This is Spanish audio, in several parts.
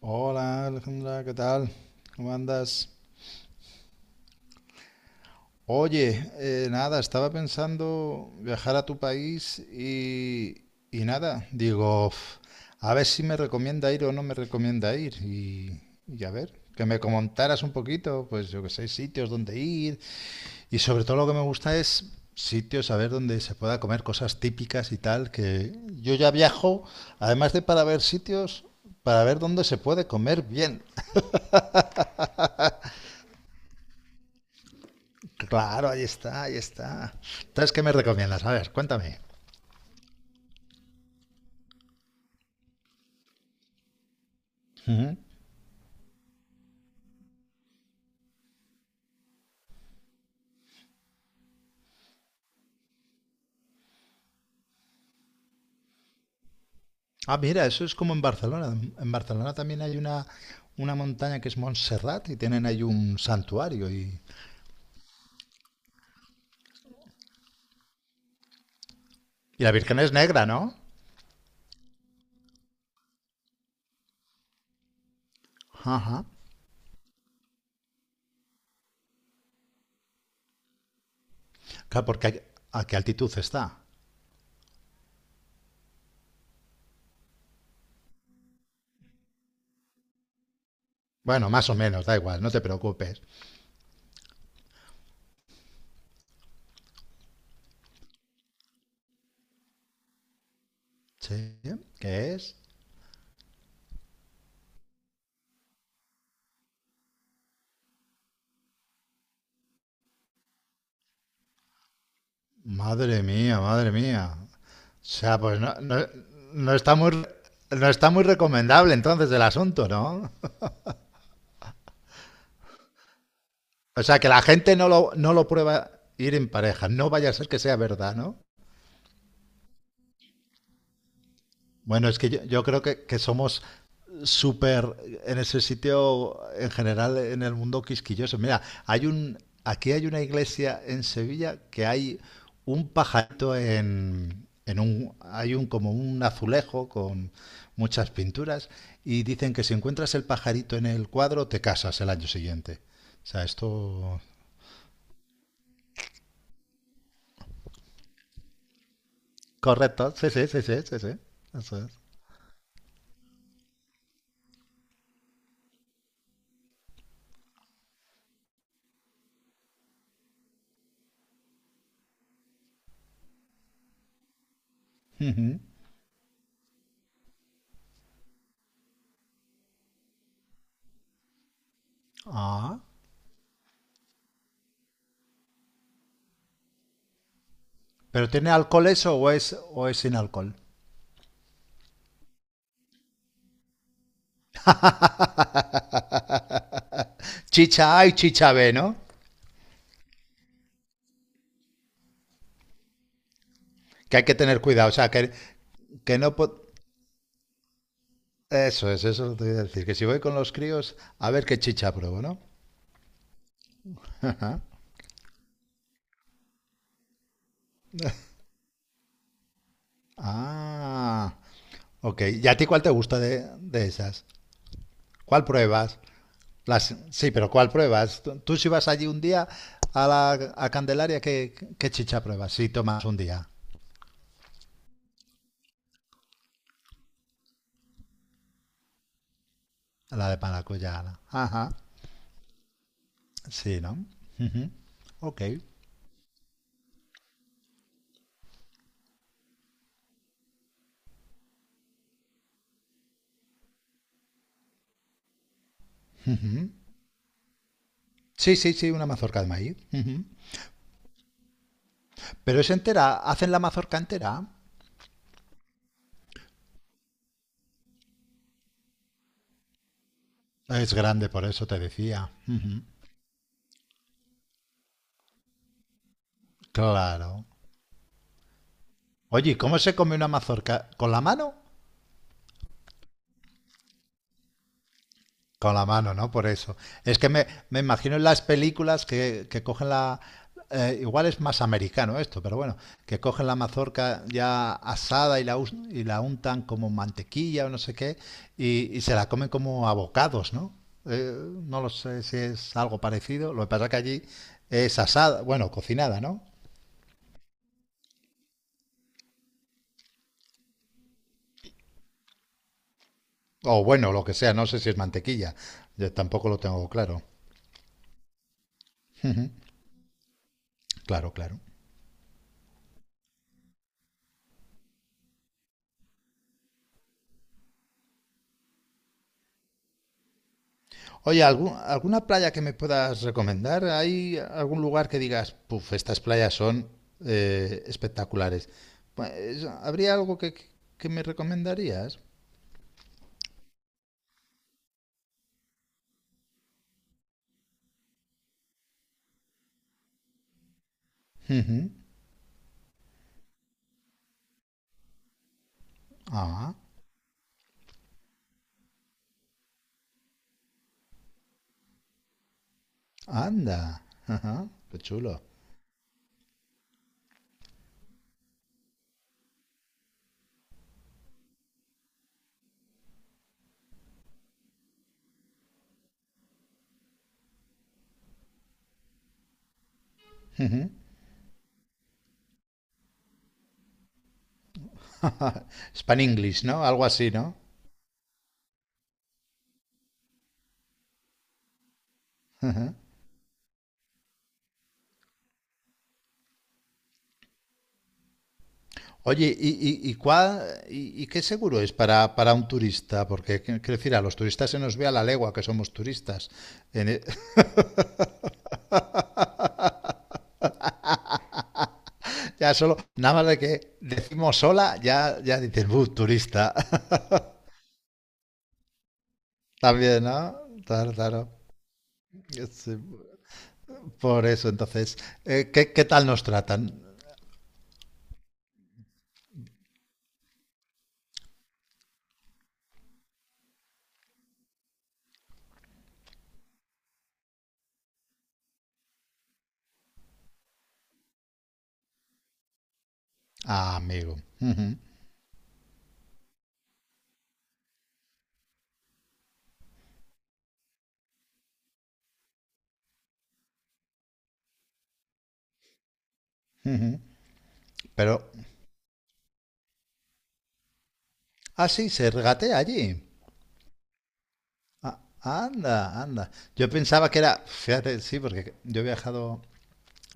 Hola Alejandra, ¿qué tal? ¿Cómo andas? Oye, nada, estaba pensando viajar a tu país y nada, digo, "Uf, a ver si me recomienda ir o no me recomienda ir y a ver, que me comentaras un poquito, pues yo que sé, sitios donde ir y sobre todo lo que me gusta es sitios, a ver, donde se pueda comer cosas típicas y tal, que yo ya viajo, además de para ver sitios, para ver dónde se puede comer bien. Claro, ahí está, ahí está. Entonces, ¿qué me recomiendas? A ver, cuéntame. Ujú. Ah, mira, eso es como en Barcelona. En Barcelona también hay una montaña que es Montserrat y tienen ahí un santuario. Y y la Virgen es negra, ¿no? Ajá. Claro, porque ¿a qué altitud está? Bueno, más o menos, da igual, no te preocupes. Sí, ¿qué es? Madre mía, madre mía. O sea, no está muy, no está muy recomendable entonces el asunto, ¿no? O sea, que la gente no lo prueba ir en pareja. No vaya a ser que sea verdad, ¿no? Bueno, es que yo creo que somos súper en ese sitio, en general, en el mundo quisquilloso. Mira, aquí hay una iglesia en Sevilla que hay un pajarito en hay un como un azulejo con muchas pinturas y dicen que si encuentras el pajarito en el cuadro te casas el año siguiente. O sea, esto correcto, sí, sí, sí, sí, sí, sí. Eso es. Ujú. Ah. ¿Pero tiene alcohol eso o es sin alcohol? Chicha A y chicha B, ¿no? Que hay que tener cuidado. O sea, que no... po- eso es lo que te iba a decir. Que si voy con los críos, a ver qué chicha pruebo, ¿no? Ah, ok. ¿Y a ti cuál te gusta de esas? ¿Cuál pruebas? Las, sí, pero ¿cuál pruebas? Tú si vas allí un día a Candelaria, ¿qué chicha pruebas? Si tomas un día, la de maracuyá. Ajá. Sí, ¿no? Ujú. Ok. Sí, sí, sí, una mazorca de maíz. Pero es entera, hacen la mazorca entera. Es grande, por eso te decía. Ujú. Claro. Oye, ¿y cómo se come una mazorca? ¿Con la mano? Con la mano, ¿no? Por eso. Es que me imagino en las películas que cogen la... igual es más americano esto, pero bueno, que cogen la mazorca ya asada y y la untan como mantequilla o no sé qué, y se la comen como abocados, ¿no? Eh, no lo sé si es algo parecido. Lo que pasa que allí es asada, bueno, cocinada, ¿no? O bueno, lo que sea, no sé si es mantequilla. Yo tampoco lo tengo claro. Ujú. Claro, claro. Oye, ¿alguna playa que me puedas recomendar? ¿Hay algún lugar que digas, puf, estas playas son espectaculares? Pues, ¿habría algo que me recomendarías? Ujú. Ah, anda. Ajá, qué chulo. Ujú. Span English, ¿no? Algo así, ¿no? Ujú. Oye, ¿y qué seguro es para un turista? Porque, qu- quiero decir, a los turistas se nos ve a la legua que somos turistas. En e- Ya solo, nada más de que decimos sola, ya, ya dices, turista. También, ¿no? Claro, claro. Sí. Por eso, entonces, ¿qué, qué tal nos tratan? Ah, amigo. Ujú, ujú. Pero, ah, sí, se regatea allí. Ah, anda, anda. Yo pensaba que era, fíjate, sí, porque yo he viajado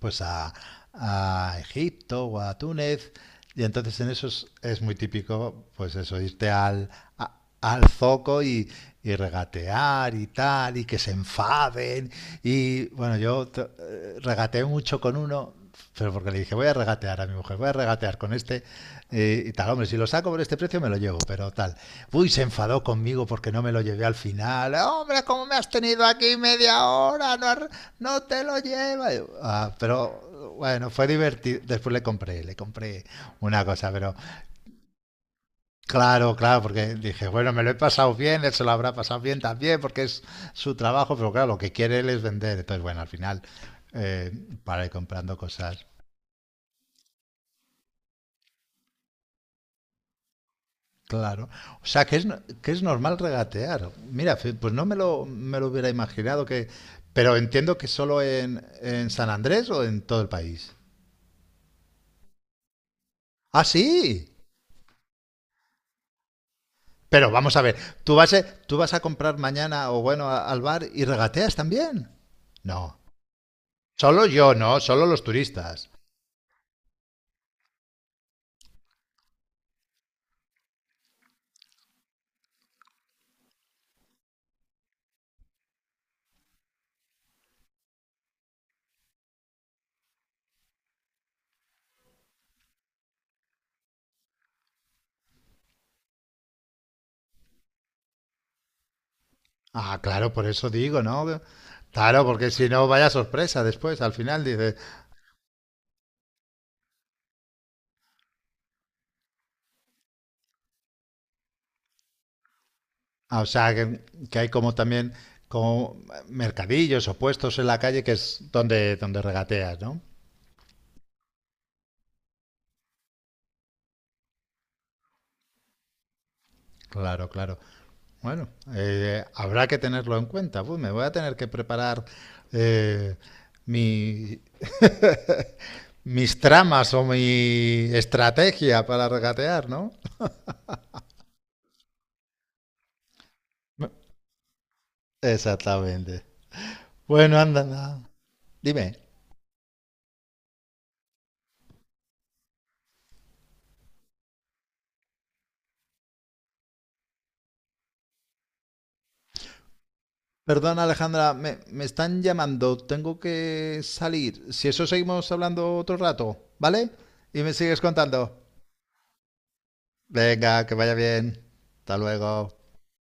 pues a Egipto o a Túnez. Y entonces en esos es muy típico, pues eso, irte al zoco y regatear y tal, y que se enfaden. Y bueno, regateé mucho con uno, pero porque le dije, voy a regatear a mi mujer, voy a regatear con este y tal. Hombre, si lo saco por este precio me lo llevo, pero tal. Uy, se enfadó conmigo porque no me lo llevé al final. Hombre, ¿cómo me has tenido aquí media hora? No te lo llevas. Ah, pero bueno, fue divertido. Después le compré una cosa, pero claro, claro, porque dije, bueno, me lo he pasado bien, él se lo habrá pasado bien también, porque es su trabajo, pero claro, lo que quiere él es vender. Entonces, bueno, al final, eh, para ir comprando cosas. Claro, o sea que es, que es normal regatear. Mira, fe- pues no me lo, me lo hubiera imaginado que... Pero entiendo que solo en San Andrés o en todo el país. Ah, sí. Pero vamos a ver, ¿tú vas a comprar mañana o bueno al bar y regateas también? No. Solo yo, no, solo los turistas. Ah, claro, por eso digo, ¿no? Claro, porque si no, vaya sorpresa después, al final dice, ah, o sea, que hay como también como mercadillos o puestos en la calle que es donde, donde regateas, ¿no? Claro, claro. Bueno, habrá que tenerlo en cuenta. Pues me voy a tener que preparar eh, mi, mis tramas o mi estrategia para regatear, ¿no? Exactamente. Bueno, anda, anda. Dime. Perdón, Alejandra, me están llamando. Tengo que salir. Si eso seguimos hablando otro rato, ¿vale? Y me sigues contando. Venga, que vaya bien. Hasta luego.